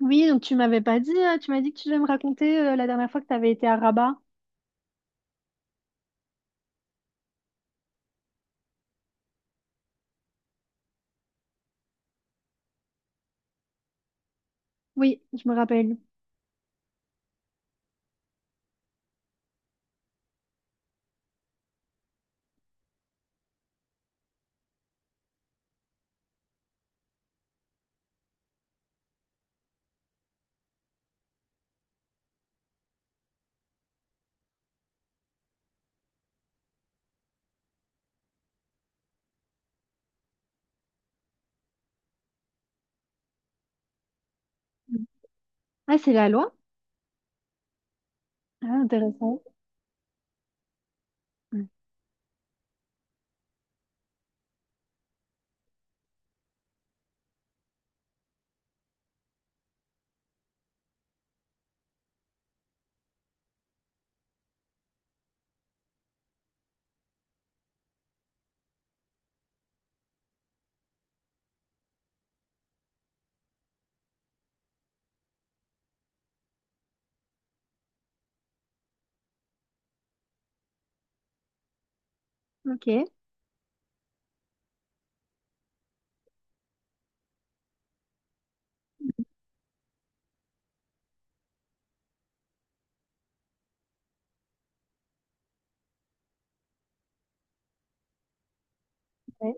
Oui, donc tu m'avais pas dit, tu m'as dit que tu devais me raconter la dernière fois que tu avais été à Rabat. Oui, je me rappelle. Mm. Ah, c'est la loi? Ah, intéressant. Mm. Ok. Ouais.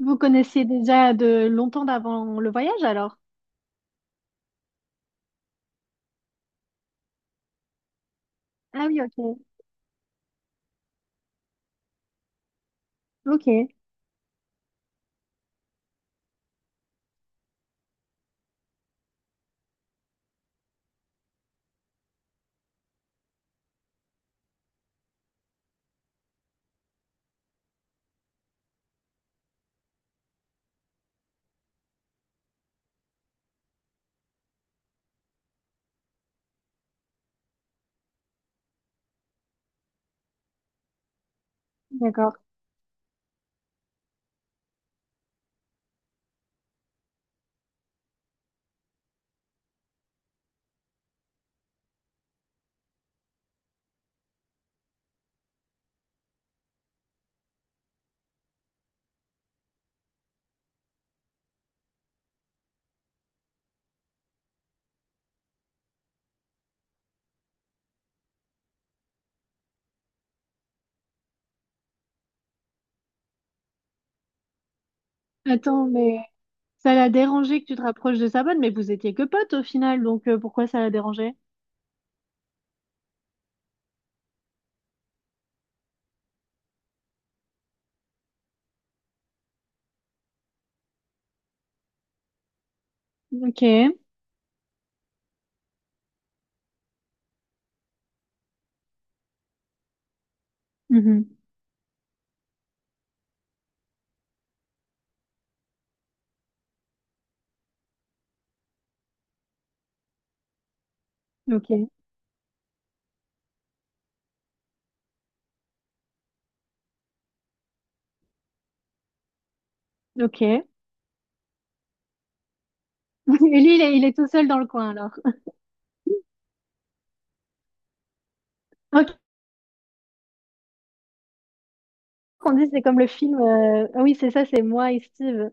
Vous connaissiez déjà de longtemps d'avant le voyage alors? Ah oui, ok. Ok, d'accord. Attends, mais ça l'a dérangé que tu te rapproches de sa bonne, mais vous étiez que potes au final, donc pourquoi ça l'a dérangé? Ok. Mhm. Ok. Ok. Et lui, il est tout seul dans le coin alors. Ok. Qu'on dit, c'est comme le film. Ah oui, c'est ça, c'est moi et Steve.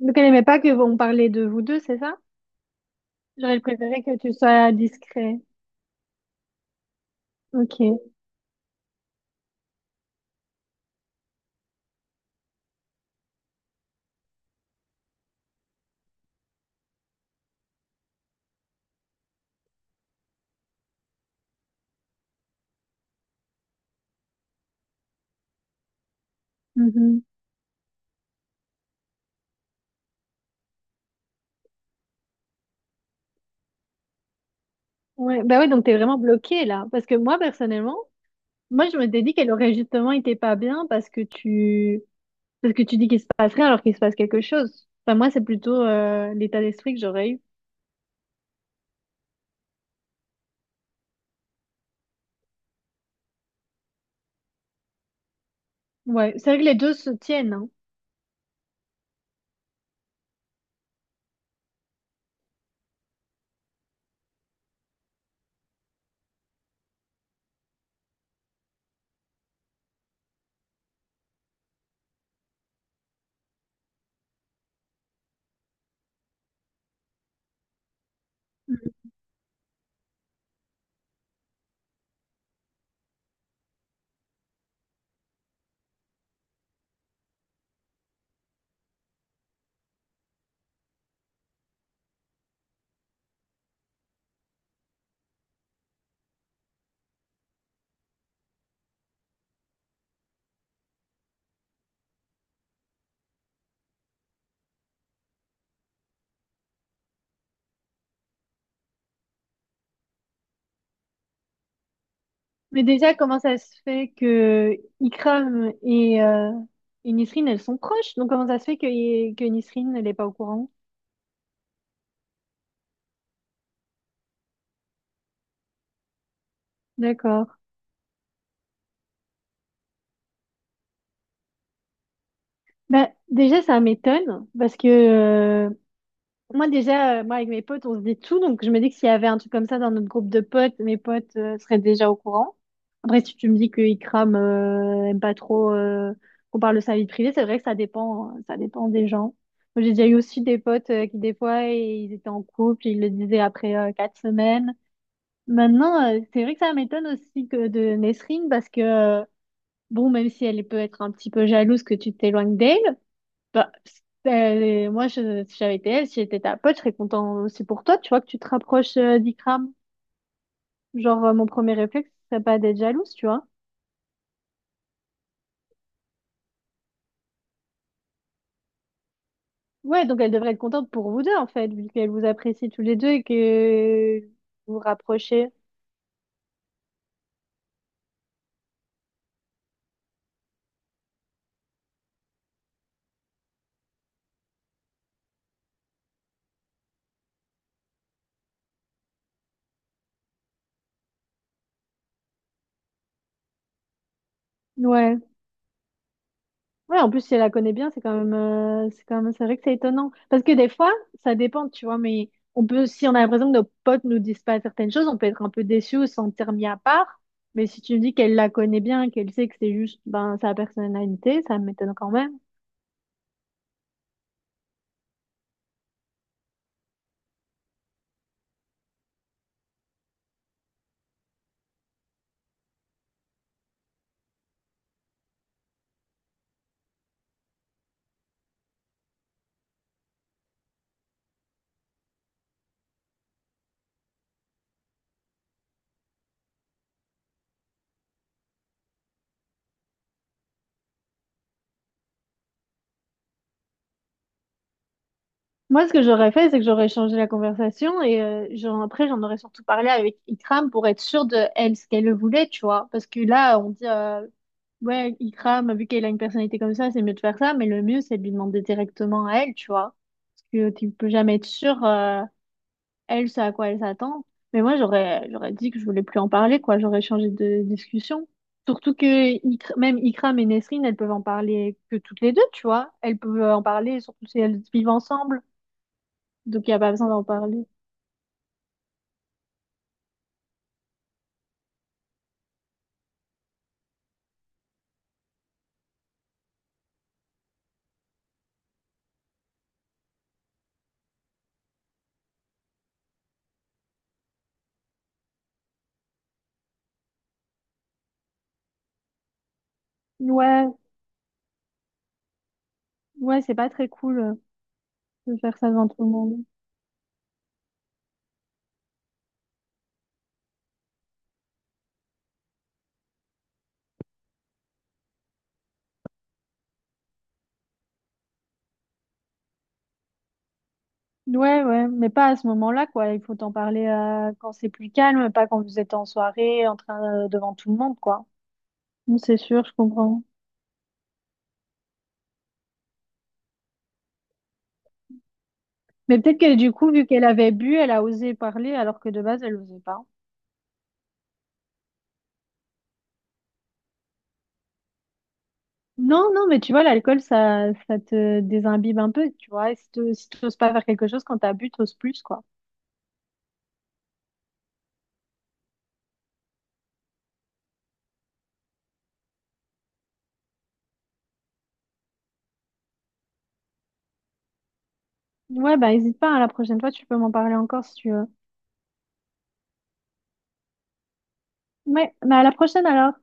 Donc elle aimait pas que on parlait de vous deux, c'est ça? Genre elle préférait que tu sois discret. Ok. Mhm. Ouais. Bah ouais, donc t'es vraiment bloqué là. Parce que moi personnellement, moi je m'étais dit qu'elle aurait justement été pas bien parce que tu dis qu'il se passe rien alors qu'il se passe quelque chose. Enfin moi c'est plutôt l'état d'esprit que j'aurais eu. Ouais. C'est vrai que les deux se tiennent, hein. Mhm. Mais déjà comment ça se fait que Ikram et Nisrine elles sont proches? Donc comment ça se fait que Nisrine elle est pas au courant? D'accord. Bah, déjà, ça m'étonne parce que moi, déjà, moi, avec mes potes, on se dit tout. Donc, je me dis que s'il y avait un truc comme ça dans notre groupe de potes, mes potes seraient déjà au courant. Après, si tu me dis que Ikram aime pas trop qu'on parle de sa vie privée, c'est vrai que ça dépend des gens. Moi, j'ai déjà eu aussi des potes qui, des fois, ils étaient en couple, ils le disaient après 4 semaines. Maintenant, c'est vrai que ça m'étonne aussi que de Nesrine parce que, bon, même si elle peut être un petit peu jalouse que tu t'éloignes d'elle, bah, c'est- moi, je, si j'avais été elle, si j'étais ta pote, je serais content aussi pour toi, tu vois, que tu te rapproches d'Ikram. Genre, mon premier réflexe, ce serait pas d'être jalouse, tu vois. Ouais, donc elle devrait être contente pour vous deux, en fait, vu qu'elle vous apprécie tous les deux et que vous vous rapprochez. Ouais. Ouais, en plus, si elle la connaît bien, c'est quand même, c'est quand même, c'est vrai que c'est étonnant. Parce que des fois, ça dépend, tu vois, mais on peut, si on a l'impression que nos potes nous disent pas certaines choses, on peut être un peu déçu ou se sentir mis à part. Mais si tu me dis qu'elle la connaît bien, qu'elle sait que c'est juste, ben, sa personnalité, ça m'étonne quand même. Moi, ce que j'aurais fait, c'est que j'aurais changé la conversation et après, j'en aurais surtout parlé avec Ikram pour être sûre de elle, ce qu'elle voulait, tu vois. Parce que là, on dit, ouais, Ikram, vu qu'elle a une personnalité comme ça, c'est mieux de faire ça, mais le mieux, c'est de lui demander directement à elle, tu vois. Parce que tu peux jamais être sûre, elle, c'est à quoi elle s'attend. Mais moi, j'aurais dit que je voulais plus en parler, quoi. J'aurais changé de discussion. Surtout que même Ikram et Nesrine, elles peuvent en parler que toutes les deux, tu vois. Elles peuvent en parler, surtout si elles vivent ensemble. Donc, il n'y a pas besoin d'en parler. Ouais, ouais, c'est pas très cool de faire ça devant tout le monde. Ouais, ouais, mais pas à ce moment-là, quoi. Il faut en parler quand c'est plus calme, pas quand vous êtes en soirée, en train devant tout le monde, quoi. Non, c'est sûr, je comprends. Mais peut-être que du coup, vu qu'elle avait bu, elle a osé parler alors que de base, elle osait pas. Non, non, mais tu vois, l'alcool, ça te désimbibe un peu, tu vois. Et si tu n'oses pas faire quelque chose, quand t'as bu, t'oses plus, quoi. Ouais, bah hésite pas, hein, la prochaine fois, tu peux m'en parler encore si tu veux. Ouais, bah à la prochaine alors.